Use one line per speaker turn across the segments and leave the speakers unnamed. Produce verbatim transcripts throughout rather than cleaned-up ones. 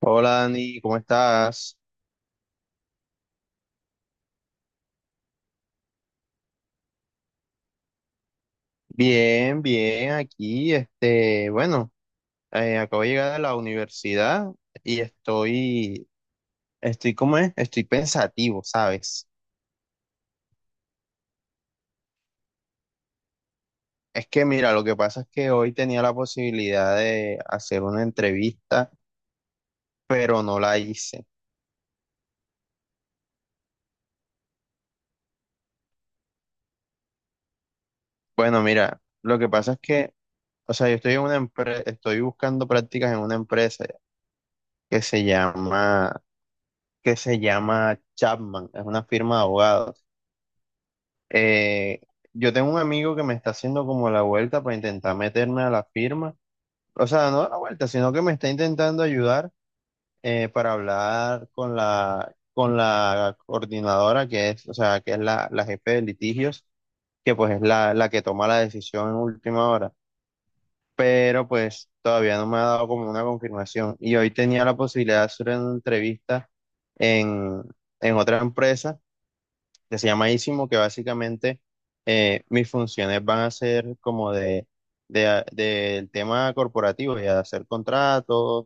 Hola Dani, ¿cómo estás? Bien, bien, aquí, este, bueno, eh, acabo de llegar a la universidad y estoy, estoy, ¿cómo es? Estoy pensativo, ¿sabes? Es que mira, lo que pasa es que hoy tenía la posibilidad de hacer una entrevista, pero no la hice. Bueno, mira, lo que pasa es que, o sea, yo estoy en una empresa, estoy buscando prácticas en una empresa que se llama, que se llama Chapman, es una firma de abogados. Eh, yo tengo un amigo que me está haciendo como la vuelta para intentar meterme a la firma. O sea, no a la vuelta, sino que me está intentando ayudar eh, para hablar con la, con la coordinadora que es, o sea, que es la, la jefe de litigios, que pues es la, la que toma la decisión en última hora. Pero pues todavía no me ha dado como una confirmación. Y hoy tenía la posibilidad de hacer una entrevista en, en otra empresa que se llama Isimo, que básicamente eh, mis funciones van a ser como de, de, a- del tema corporativo, ya de hacer contratos,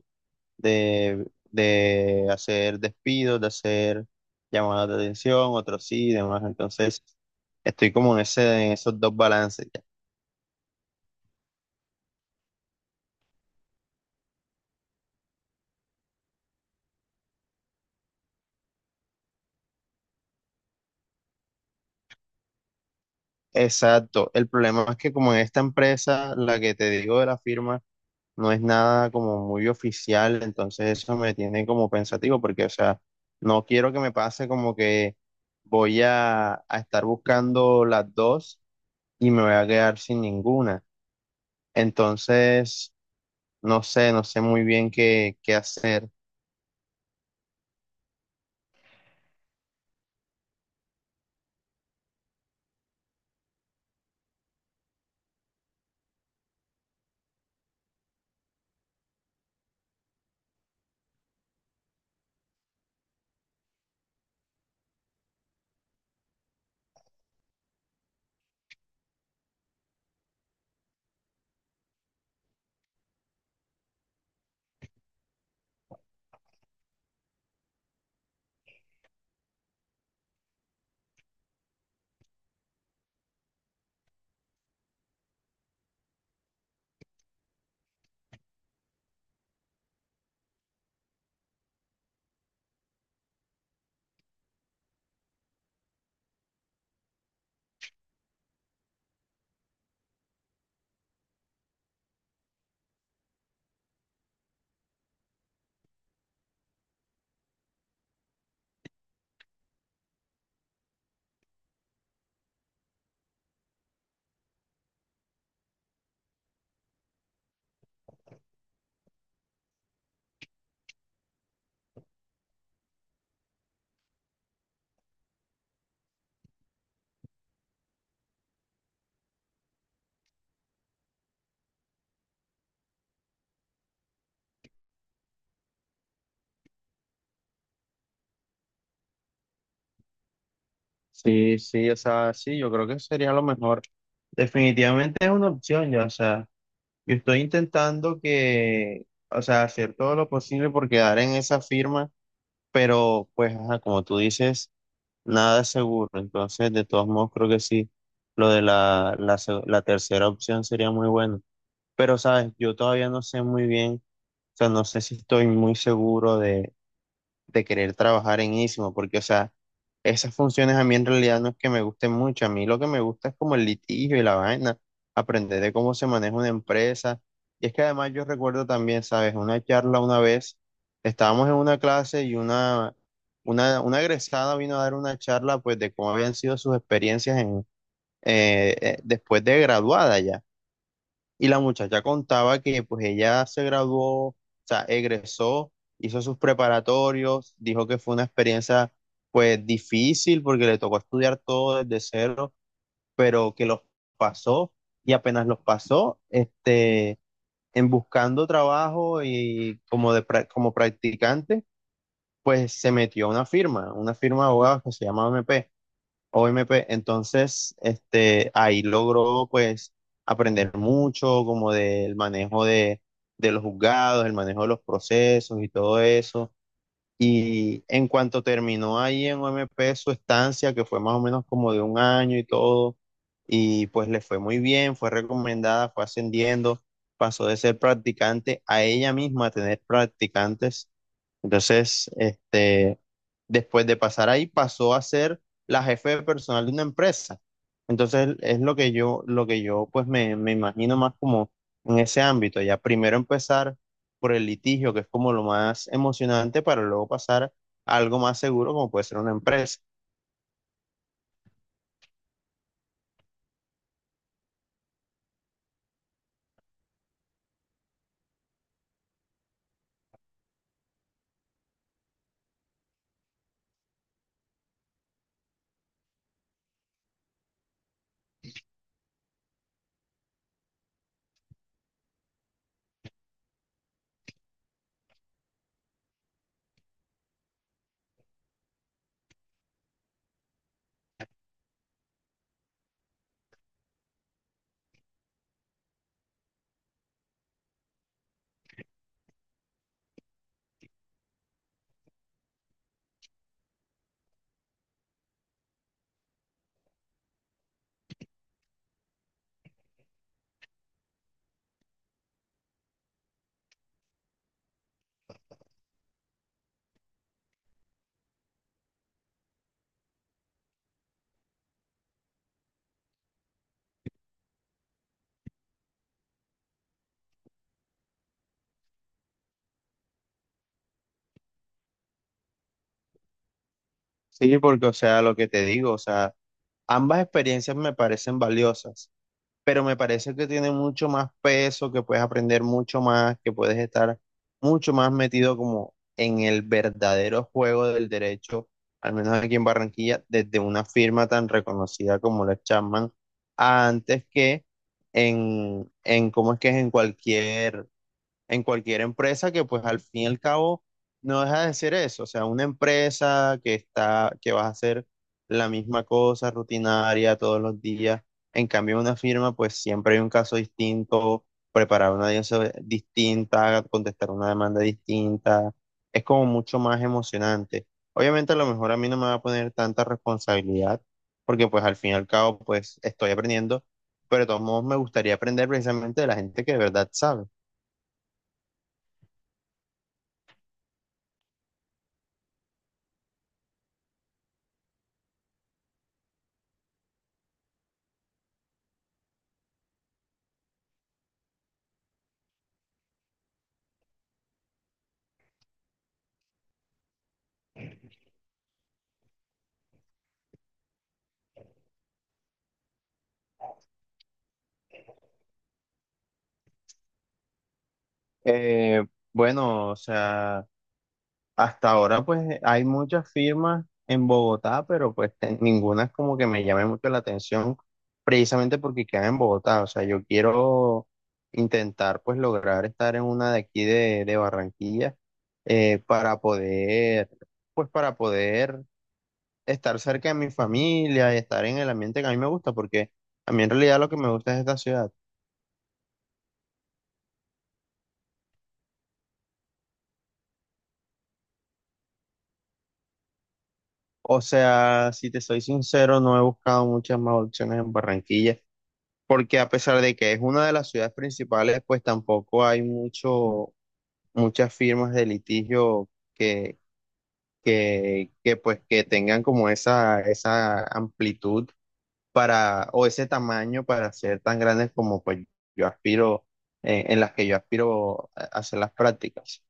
de, de hacer despidos, de hacer llamadas de atención, otros sí y demás. Entonces, estoy como en ese, en esos dos balances. Ya. Exacto. El problema es que como en esta empresa, la que te digo de la firma, no es nada como muy oficial, entonces eso me tiene como pensativo porque, o sea, no quiero que me pase como que voy a, a estar buscando las dos y me voy a quedar sin ninguna. Entonces, no sé, no sé muy bien qué, qué hacer. Sí, sí, o sea, sí, yo creo que sería lo mejor. Definitivamente es una opción ya, o sea, yo estoy intentando que, o sea, hacer todo lo posible por quedar en esa firma, pero pues, ajá, como tú dices. Nada es seguro, entonces de todos modos creo que sí, lo de la, la, se- la tercera opción sería muy bueno. Pero sabes, yo todavía no sé muy bien, o sea, no sé si estoy muy seguro de querer trabajar en ISMO, porque, o sea, esas funciones a mí en realidad no es que me gusten mucho, a mí lo que me gusta es como el litigio y la vaina, aprender de cómo se maneja una empresa. Y es que además yo recuerdo también, ¿sabes? Una charla una vez, estábamos en una clase y una, una, una egresada vino a dar una charla pues de cómo habían sido sus experiencias en, eh, eh, después de graduada ya. Y la muchacha contaba que pues ella se graduó, o sea, egresó, hizo sus preparatorios, dijo que fue una experiencia pues difícil porque le tocó estudiar todo desde cero, pero que los pasó y apenas los pasó, este, en buscando trabajo y como, de, pra- como practicante, pues se metió a una firma, una firma de abogados que se llama O M P o M P. entonces, este, ahí logró pues aprender mucho como del manejo de, de los juzgados, el manejo de los procesos y todo eso. Y en cuanto terminó ahí en O M P su estancia, que fue más o menos como de un año y todo, y pues le fue muy bien, fue recomendada, fue ascendiendo, pasó de ser practicante a ella misma a tener practicantes entonces, este, después de pasar ahí, pasó a ser la jefe de personal de una empresa. Entonces, es lo que yo, lo que yo pues me, me imagino más como en ese ámbito. Ya primero empezar por el litigio, que es como lo más emocionante, para luego pasar a algo más seguro, como puede ser una empresa. Sí, porque, o sea, lo que te digo, o sea, ambas experiencias me parecen valiosas. Pero me parece que tiene mucho más peso, que puedes aprender mucho más, que puedes estar mucho más metido como en el verdadero juego del derecho, al menos aquí en Barranquilla, desde una firma tan reconocida como la Chapman, antes que en, en cómo es que es en cualquier en cualquier empresa que pues al fin y al cabo no deja de ser eso, o sea, una empresa que está, que vas a hacer la misma cosa rutinaria todos los días, en cambio en una firma pues siempre hay un caso distinto, preparar una audiencia distinta, contestar una demanda distinta, es como mucho más emocionante. Obviamente a lo mejor a mí no me va a poner tanta responsabilidad, porque pues al fin y al cabo pues estoy aprendiendo, pero de todos modos me gustaría aprender precisamente de la gente que de verdad sabe. Eh, bueno, o sea, hasta ahora pues hay muchas firmas en Bogotá, pero pues te- ninguna es como que me llame mucho la atención, precisamente porque quedan en Bogotá. O sea, yo quiero intentar pues lograr estar en una de aquí de, de Barranquilla eh, para poder, pues para poder estar cerca de mi familia y estar en el ambiente que a mí me gusta, porque a mí en realidad lo que me gusta es esta ciudad. O sea, si te soy sincero, no he buscado muchas más opciones en Barranquilla, porque a pesar de que es una de las ciudades principales, pues tampoco hay mucho, muchas firmas de litigio que, que, que pues que tengan como esa, esa amplitud para, o ese tamaño para ser tan grandes como pues yo aspiro, eh, en las que yo aspiro a hacer las prácticas.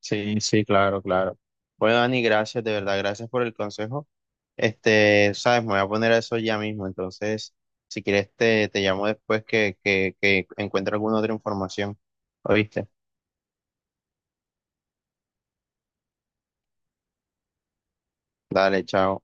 Sí, sí, claro, claro. Bueno, Dani, gracias, de verdad, gracias por el consejo. Este, sabes, me voy a poner a eso ya mismo. Entonces, si quieres, te, te llamo después que, que, que encuentre alguna otra información. ¿Oíste? Dale, chao.